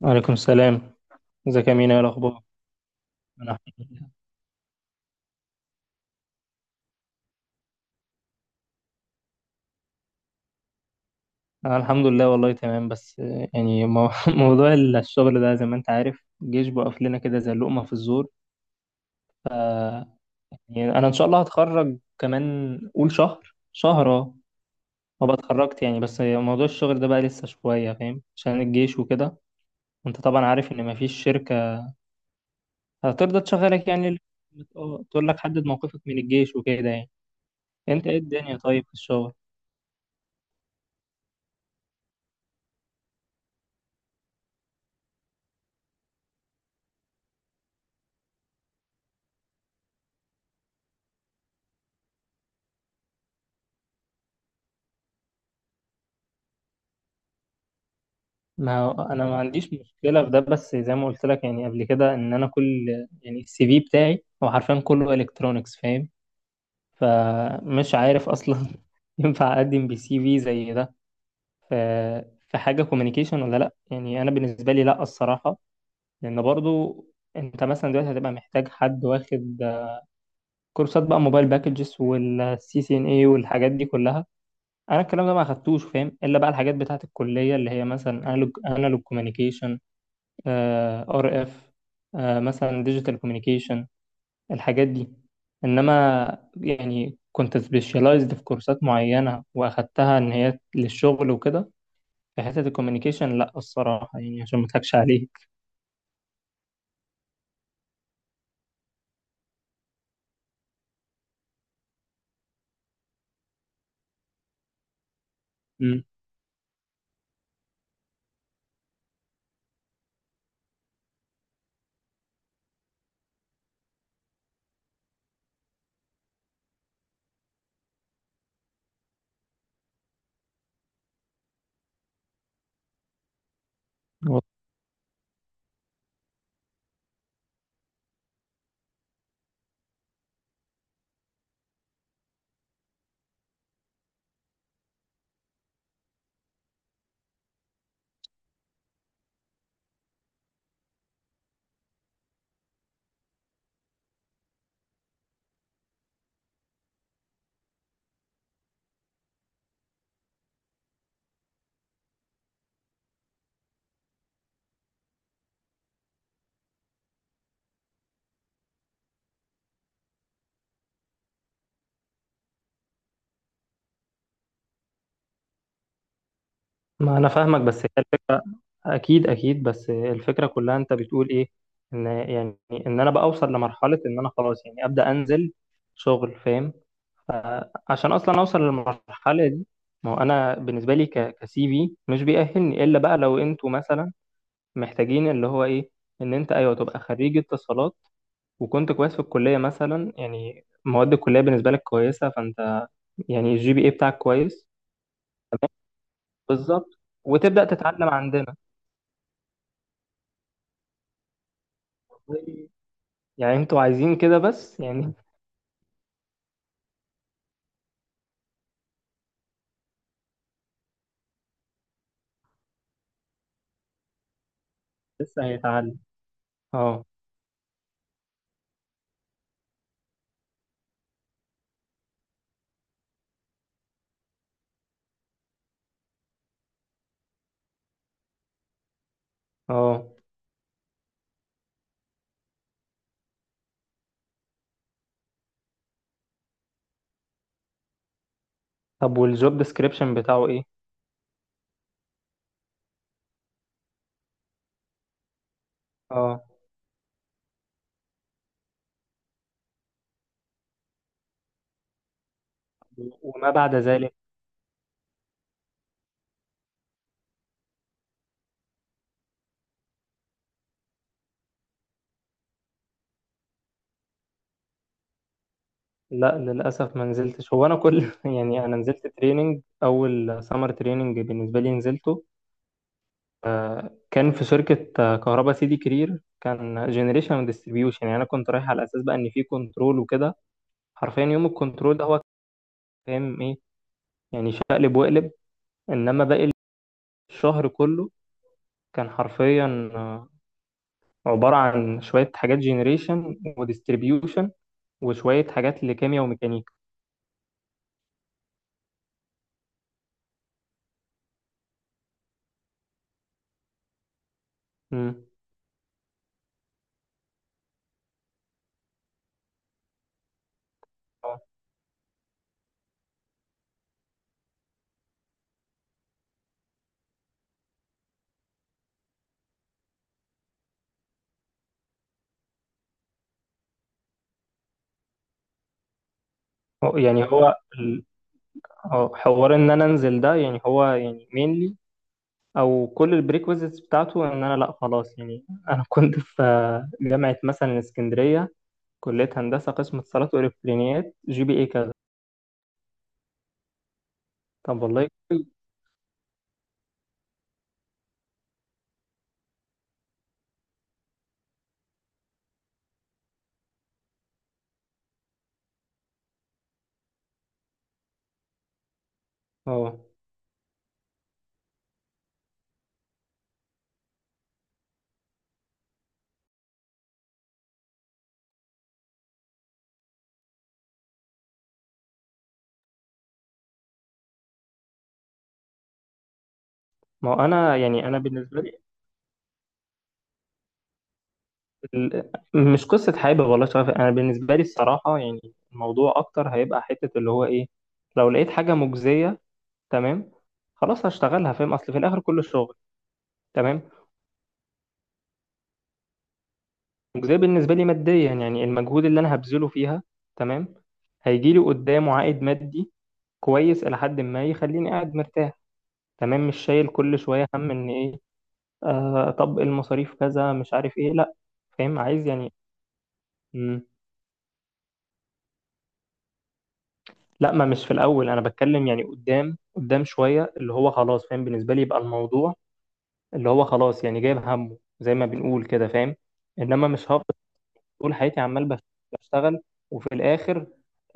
وعليكم السلام. ازيك يا مينا؟ ايه الاخبار؟ انا أنا الحمد لله والله تمام. بس موضوع الشغل ده زي ما انت عارف، الجيش بقف لنا كده زي اللقمه في الزور. يعني انا ان شاء الله هتخرج كمان قول شهر، شهر. اه، وابقى اتخرجت يعني، بس موضوع الشغل ده بقى لسه شويه فاهم، عشان الجيش وكده. وانت طبعا عارف ان مفيش شركه هترضى تشغلك يعني. اه، تقول لك حدد موقفك من الجيش وكده يعني. انت ايه الدنيا طيب في الشغل؟ ما هو انا ما عنديش مشكله في ده، بس زي ما قلت لك يعني قبل كده ان انا كل، يعني السي في بتاعي هو حرفيا كله الكترونكس، فاهم؟ فمش عارف اصلا ينفع اقدم بسي في زي ده ف- في حاجه كوميونيكيشن ولا لا. يعني انا بالنسبه لي لا، الصراحه. لان برضو انت مثلا دلوقتي هتبقى محتاج حد واخد كورسات بقى، موبايل باكجز والسي سي ان اي والحاجات دي كلها. انا الكلام ده ما اخدتوش، فاهم؟ الا بقى الحاجات بتاعت الكليه، اللي هي مثلا انالوج ار اف، مثلا ديجيتال كوميونيكيشن، الحاجات دي. انما يعني كنت سبيشالايزد في كورسات معينه واخدتها ان هي للشغل وكده. في حته الكوميونيكيشن لا الصراحه، يعني عشان ما اضحكش عليك. مم. و- ما انا فاهمك، بس هي الفكره. اكيد، بس الفكره كلها انت بتقول ايه؟ ان يعني ان انا بقى اوصل لمرحله ان انا خلاص يعني ابدا انزل شغل، فاهم؟ عشان اصلا اوصل للمرحله دي، ما هو انا بالنسبه لي كسي في مش بيأهلني، الا بقى لو انتوا مثلا محتاجين اللي هو ايه، ان انت ايوه تبقى خريج اتصالات وكنت كويس في الكليه، مثلا يعني مواد الكليه بالنسبه لك كويسه، فانت يعني الجي بي اي بتاعك كويس. بالظبط، وتبدأ تتعلم عندنا. يعني انتوا عايزين كده بس يعني. لسه هيتعلم. اه. اه، طب والجوب ديسكريبشن بتاعه ايه؟ اه، وما بعد ذلك؟ لا للأسف ما نزلتش. هو أنا كل يعني أنا نزلت تريننج، أول سمر تريننج بالنسبة لي نزلته، آه، كان في شركة كهربا سيدي كرير، كان جنريشن وديستريبيوشن. يعني أنا كنت رايح على أساس بقى إن في كنترول وكده، حرفيا يوم الكنترول ده هو كان فاهم إيه يعني؟ شقلب وقلب. إنما باقي الشهر كله كان حرفيا عبارة عن شوية حاجات جنريشن وديستريبيوشن وشوية حاجات لكيمياء وميكانيكا. مم. يعني هو اه حوار ان انا انزل ده، يعني هو يعني مينلي او كل البريكوزيتس بتاعته ان انا لا خلاص، يعني انا كنت في جامعه مثلا اسكندريه، كليه هندسه قسم اتصالات والكترونيات، جي بي اي كذا. طب والله كويس. اه. ما هو انا يعني انا بالنسبه لي مش قصه حابب والله شغف، انا بالنسبه لي الصراحه يعني الموضوع اكتر هيبقى حته اللي هو ايه، لو لقيت حاجه مجزيه، تمام، خلاص هشتغلها، فاهم؟ اصل في الاخر كله شغل. تمام. مجزية بالنسبة لي ماديا، يعني المجهود اللي أنا هبذله فيها، تمام، هيجي لي قدامه عائد مادي كويس إلى حد ما، يخليني قاعد مرتاح، تمام، مش شايل كل شوية هم إن إيه آه، طب المصاريف كذا مش عارف إيه، لأ. فاهم عايز يعني. مم. لأ ما مش في الأول، أنا بتكلم يعني قدام، قدام شوية، اللي هو خلاص، فاهم؟ بالنسبة لي يبقى الموضوع اللي هو خلاص يعني جايب همه، زي ما بنقول كده، فاهم؟ إنما مش طول حياتي عمال بشتغل وفي الاخر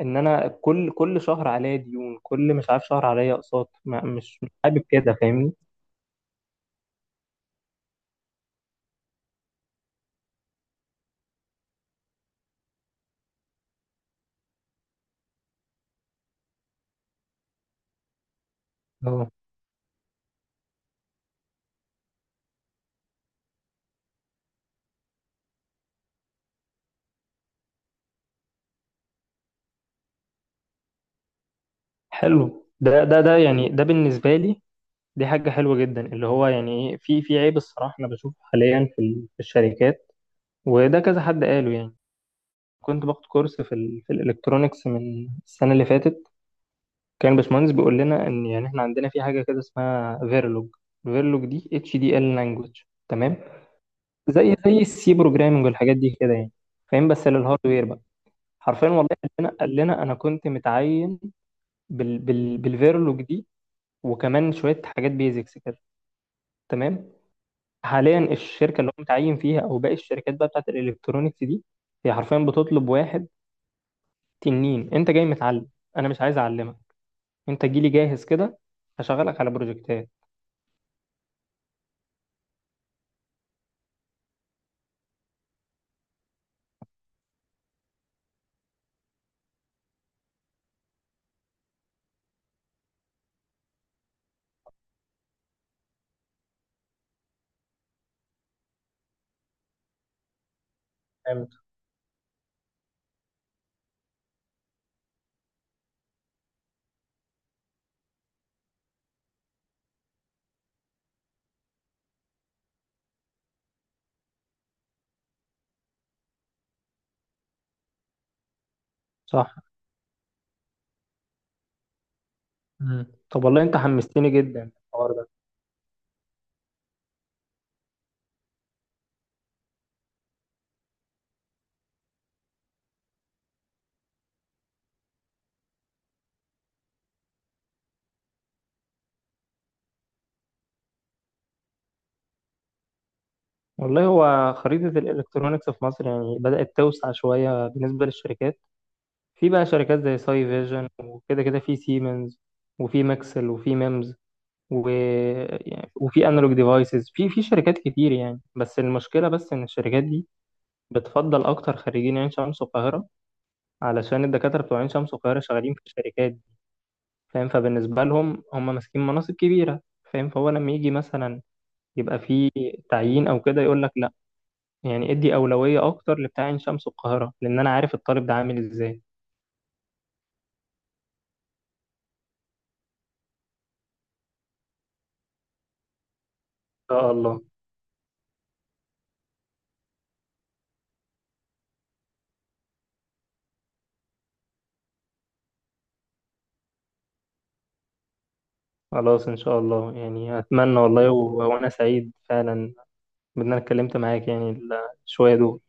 ان انا كل شهر عليا ديون، كل مش عارف شهر عليا اقساط، مش حابب كده، فاهمني؟ اه. حلو ده، ده يعني ده بالنسبه لي دي حاجه حلوه جدا، اللي هو يعني ايه، في في عيب الصراحه انا بشوفه حاليا في الشركات، وده كذا حد قاله يعني. كنت باخد كورس في الالكترونكس من السنه اللي فاتت، كان الباشمهندس بيقول لنا ان يعني احنا عندنا في حاجه كده اسمها فيرلوج. فيرلوج دي اتش دي ال لانجوج، تمام، زي السي بروجرامنج والحاجات دي كده يعني، فاهم؟ بس للهاردوير بقى. حرفيا والله قال لنا انا كنت متعين بال بال بالفيرلوج دي، وكمان شويه حاجات بيزكس كده، تمام. حاليا الشركه اللي هو متعين فيها او باقي الشركات بقى بتاعت الالكترونيكس دي، هي حرفيا بتطلب واحد تنين انت جاي متعلم، انا مش عايز اعلمك، انت جيلي جاهز كده، هشغلك على بروجكتات. فهمت. صح. مم. طب والله انت حمستني جدا الحوار ده. والله هو خريطة الإلكترونيكس في مصر يعني بدأت توسع شوية بالنسبة للشركات. في بقى شركات زي ساي فيجن وكده كده، في سيمنز، وفي ماكسل، وفي ميمز، و... يعني وفي انالوج ديفايسز، في في شركات كتير يعني، بس المشكلة بس إن الشركات دي بتفضل أكتر خريجين عين شمس والقاهرة، علشان الدكاترة بتوع عين شمس والقاهرة شغالين في الشركات دي، فاهم؟ فبالنسبة لهم هم ماسكين مناصب كبيرة، فاهم؟ فهو لما يجي مثلا يبقى في تعيين أو كده، يقول لك يعني ادي أولوية أكتر لبتاع عين شمس والقاهرة، لأن أنا عارف الطالب ده عامل إزاي. إن شاء الله. خلاص إن شاء الله، يعني أتمنى والله، و... وأنا سعيد فعلا بإن أنا اتكلمت معاك يعني شوية دول.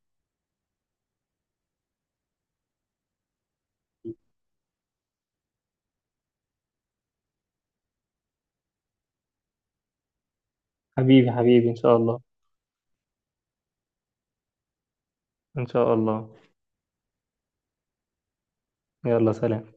حبيبي إن شاء الله. إن شاء الله. يلا سلام.